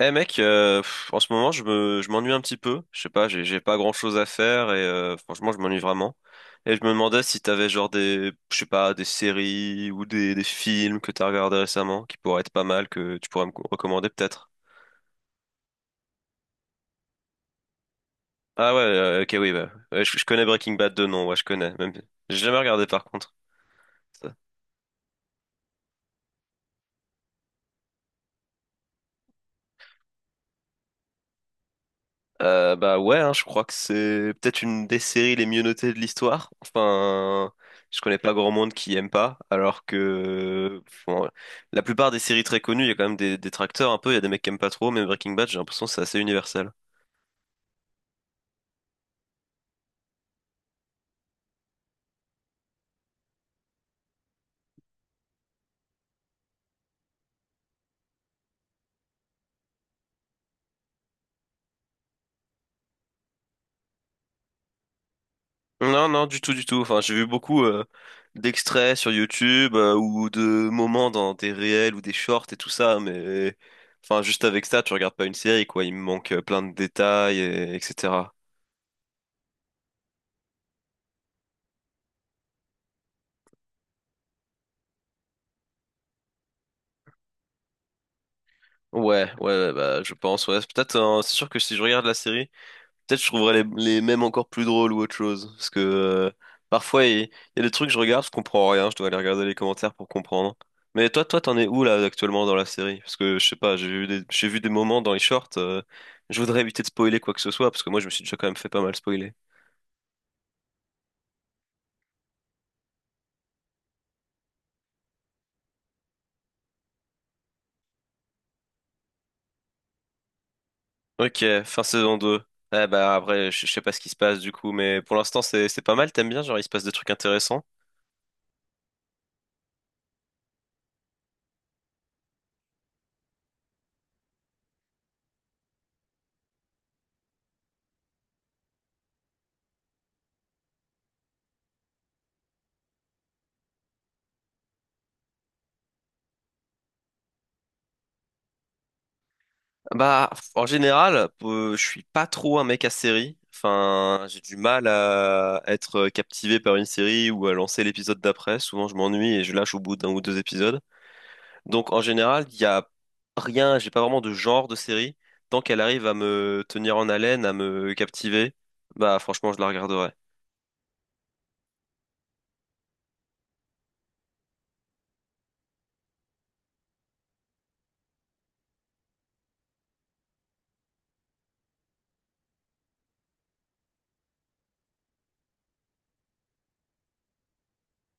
Eh mec, en ce moment je m'ennuie un petit peu. Je sais pas, j'ai pas grand chose à faire et franchement je m'ennuie vraiment. Et je me demandais si t'avais genre je sais pas, des séries ou des films que t'as regardé récemment qui pourraient être pas mal que tu pourrais me recommander peut-être. Ah ouais, ok oui, bah, ouais, je connais Breaking Bad de nom, ouais je connais. Même, j'ai jamais regardé par contre. Bah ouais, hein, je crois que c'est peut-être une des séries les mieux notées de l'histoire. Enfin, je connais pas grand monde qui aime pas, alors que bon, la plupart des séries très connues, il y a quand même des détracteurs un peu, il y a des mecs qui aiment pas trop, mais Breaking Bad, j'ai l'impression que c'est assez universel. Non, non, du tout, du tout. Enfin, j'ai vu beaucoup d'extraits sur YouTube ou de moments dans des réels ou des shorts et tout ça, mais enfin, juste avec ça, tu regardes pas une série, quoi. Il me manque plein de détails, et etc. Ouais, ouais, ouais, bah, je pense, ouais. Peut-être, c'est sûr que si je regarde la série. Peut-être je trouverais les mêmes encore plus drôles ou autre chose. Parce que parfois, il y a des trucs que je regarde, je comprends rien, je dois aller regarder les commentaires pour comprendre. Mais toi, toi, t'en es où là actuellement dans la série? Parce que je sais pas, j'ai vu des moments dans les shorts, je voudrais éviter de spoiler quoi que ce soit, parce que moi je me suis déjà quand même fait pas mal spoiler. Ok, fin saison 2. Eh bah après, je sais pas ce qui se passe du coup, mais pour l'instant c'est pas mal, t'aimes bien, genre il se passe des trucs intéressants. Bah, en général, je suis pas trop un mec à série. Enfin, j'ai du mal à être captivé par une série ou à lancer l'épisode d'après. Souvent, je m'ennuie et je lâche au bout d'un ou deux épisodes. Donc, en général, il y a rien, j'ai pas vraiment de genre de série. Tant qu'elle arrive à me tenir en haleine, à me captiver, bah, franchement, je la regarderai.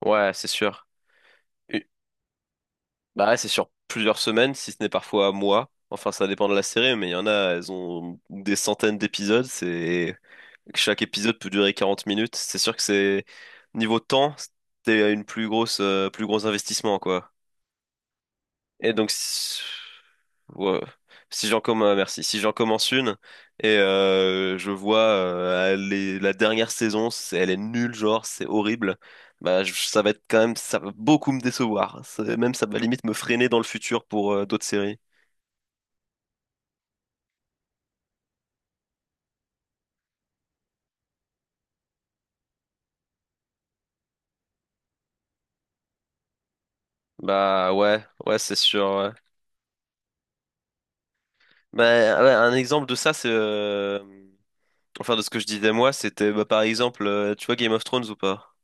Ouais, c'est sûr. U- Bah, ouais, c'est sur plusieurs semaines, si ce n'est parfois mois. Enfin, ça dépend de la série, mais il y en a, elles ont des centaines d'épisodes. C'est Chaque épisode peut durer 40 minutes. C'est sûr que c'est niveau temps, c'était une plus grosse, plus gros investissement quoi. Et donc si Ouais. Si j'en commence, merci. Si j'en commence une et je vois la dernière saison, elle est nulle, genre c'est horrible. Bah, ça va être quand même, ça va beaucoup me décevoir. Même ça va limite me freiner dans le futur pour d'autres séries. Bah ouais, ouais c'est sûr. Ouais. Bah ouais, un exemple de ça c'est enfin, de ce que je disais moi, c'était bah, par exemple, tu vois Game of Thrones ou pas?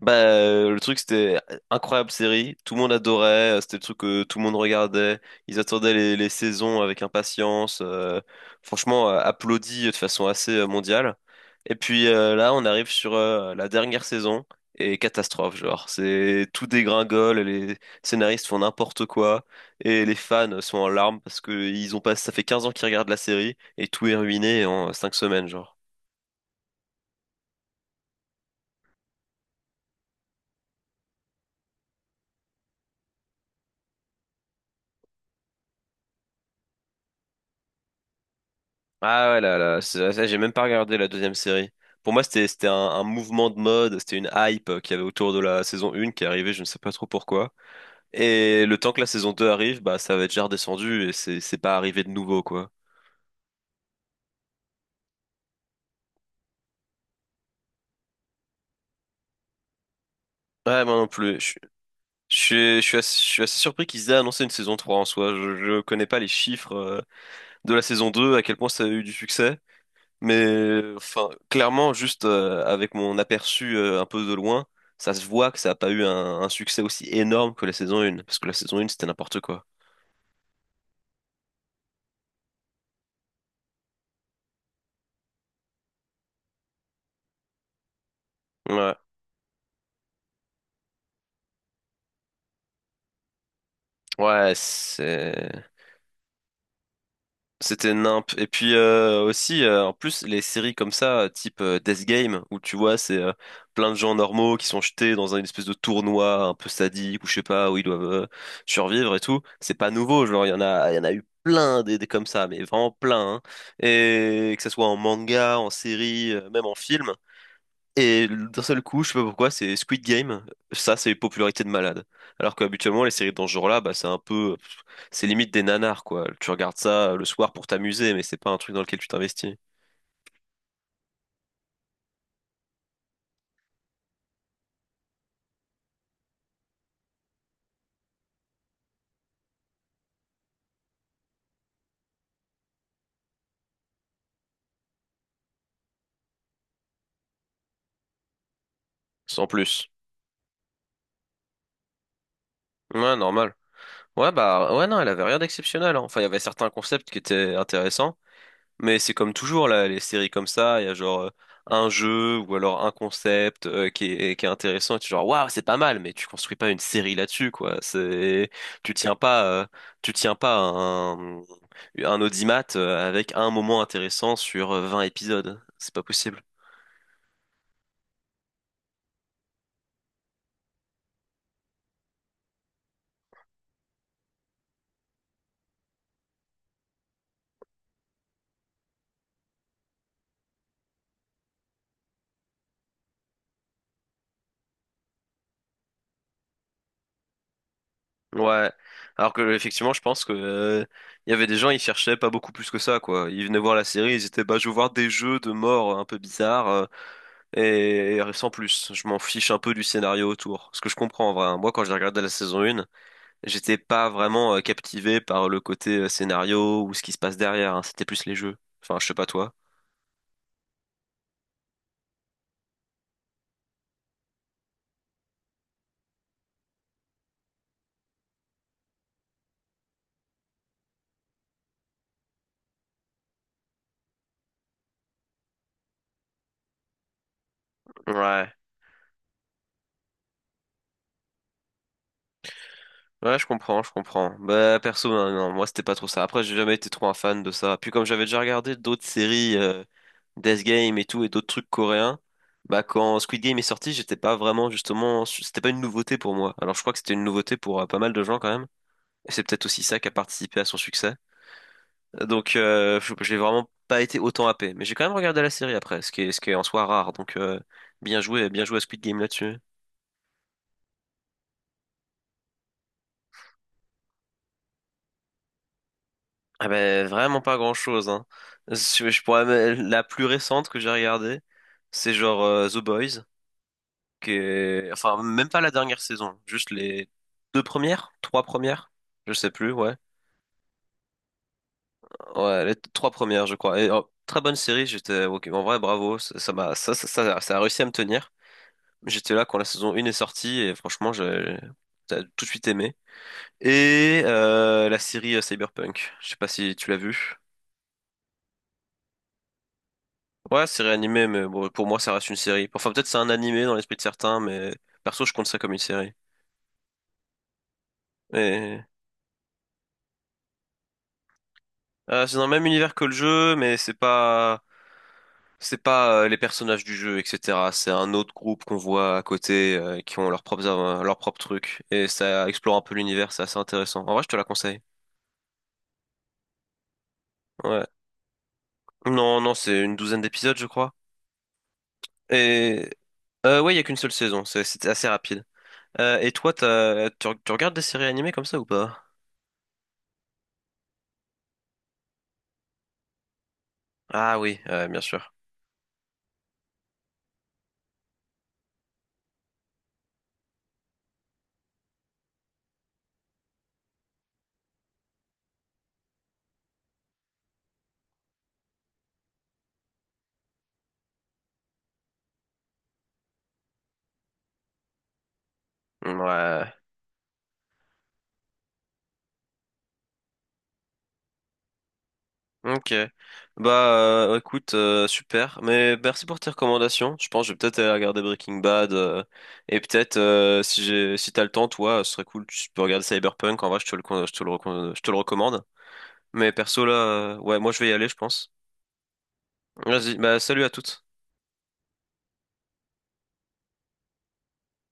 Bah, le truc, c'était incroyable série, tout le monde adorait, c'était le truc que tout le monde regardait, ils attendaient les saisons avec impatience, franchement, applaudi de façon assez mondiale. Et puis là, on arrive sur la dernière saison, et catastrophe, genre, c'est tout dégringole, les scénaristes font n'importe quoi, et les fans sont en larmes parce que ils ont pas, ça fait 15 ans qu'ils regardent la série, et tout est ruiné en 5 semaines, genre. Ah ouais, là, là, ça, j'ai même pas regardé la deuxième série. Pour moi, c'était un mouvement de mode, c'était une hype qu'il y avait autour de la saison 1 qui arrivait, je ne sais pas trop pourquoi. Et le temps que la saison 2 arrive, bah, ça va être déjà redescendu et c'est pas arrivé de nouveau, quoi. Ouais, moi non plus. Je suis assez surpris qu'ils aient annoncé une saison 3 en soi. Je connais pas les chiffres de la saison 2, à quel point ça a eu du succès. Mais enfin, clairement, juste avec mon aperçu un peu de loin, ça se voit que ça n'a pas eu un succès aussi énorme que la saison 1, parce que la saison 1, c'était n'importe quoi. Ouais, ouais, c'était nimp. Et puis aussi, en plus, les séries comme ça, type Death Game, où tu vois, c'est plein de gens normaux qui sont jetés dans une espèce de tournoi un peu sadique, ou je sais pas, où ils doivent survivre et tout. C'est pas nouveau, genre, il y en a eu plein des comme ça, mais vraiment plein. Hein. Et que ce soit en manga, en série, même en film. Et d'un seul coup, je sais pas pourquoi, c'est Squid Game. Ça, c'est popularité de malade. Alors qu'habituellement, les séries dans ce genre-là, bah, c'est un peu, c'est limite des nanars, quoi. Tu regardes ça le soir pour t'amuser, mais c'est pas un truc dans lequel tu t'investis. Sans plus. Ouais, normal. Ouais, bah, ouais, non, elle avait rien d'exceptionnel, hein. Enfin, il y avait certains concepts qui étaient intéressants, mais c'est comme toujours, là, les séries comme ça, il y a genre un jeu ou alors un concept qui est intéressant et tu es genre waouh, c'est pas mal, mais tu construis pas une série là-dessus, quoi. C'est tu tiens pas euh, tu tiens pas un audimat avec un moment intéressant sur 20 épisodes. C'est pas possible. Ouais. Alors que effectivement, je pense que il y avait des gens, ils cherchaient pas beaucoup plus que ça, quoi. Ils venaient voir la série, ils étaient bah je veux voir des jeux de mort un peu bizarres. Et sans plus, je m'en fiche un peu du scénario autour. Ce que je comprends en vrai, hein. Moi quand j'ai regardé la saison 1, j'étais pas vraiment captivé par le côté scénario ou ce qui se passe derrière, hein. C'était plus les jeux. Enfin, je sais pas toi. Ouais. Ouais, je comprends, je comprends. Bah perso, non, non, moi c'était pas trop ça. Après, j'ai jamais été trop un fan de ça. Puis comme j'avais déjà regardé d'autres séries, Death Game et tout, et d'autres trucs coréens, bah quand Squid Game est sorti, j'étais pas vraiment justement, c'était pas une nouveauté pour moi. Alors je crois que c'était une nouveauté pour pas mal de gens quand même. Et c'est peut-être aussi ça qui a participé à son succès. Donc, je j'ai vraiment pas été autant happé. Mais j'ai quand même regardé la série après, ce qui est en soi rare. Donc, bien joué à Squid Game là-dessus. Ah ben, vraiment pas grand-chose, hein. La plus récente que j'ai regardée, c'est genre The Boys, enfin, même pas la dernière saison, juste les deux premières, trois premières, je sais plus, ouais. Ouais, les trois premières, je crois. Et, oh, très bonne série, ok, en vrai, bravo. Ça ça m'a... Ça, ça, ça, ça a réussi à me tenir. J'étais là quand la saison 1 est sortie et franchement, j'ai t'as tout de suite aimé. Et la série Cyberpunk, je sais pas si tu l'as vue. Ouais, c'est réanimé, mais bon, pour moi, ça reste une série. Enfin, peut-être c'est un animé dans l'esprit de certains, mais perso, je compte ça comme une série. Et c'est dans le même univers que le jeu, mais c'est pas les personnages du jeu, etc. C'est un autre groupe qu'on voit à côté qui ont leurs propres trucs et ça explore un peu l'univers, c'est assez intéressant. En vrai, je te la conseille. Ouais. Non, non, c'est une douzaine d'épisodes, je crois. Et ouais, il y a qu'une seule saison, c'était assez rapide. Et toi, tu regardes des séries animées comme ça ou pas? Ah oui, bien sûr. Mmh, ouais. Ok. Bah écoute, super. Mais merci pour tes recommandations. Je pense que je vais peut-être aller regarder Breaking Bad. Et peut-être si t'as le temps, toi, ce serait cool. Tu peux regarder Cyberpunk. En vrai, je te le recommande. Mais perso là, ouais, moi je vais y aller, je pense. Vas-y, bah salut à toutes.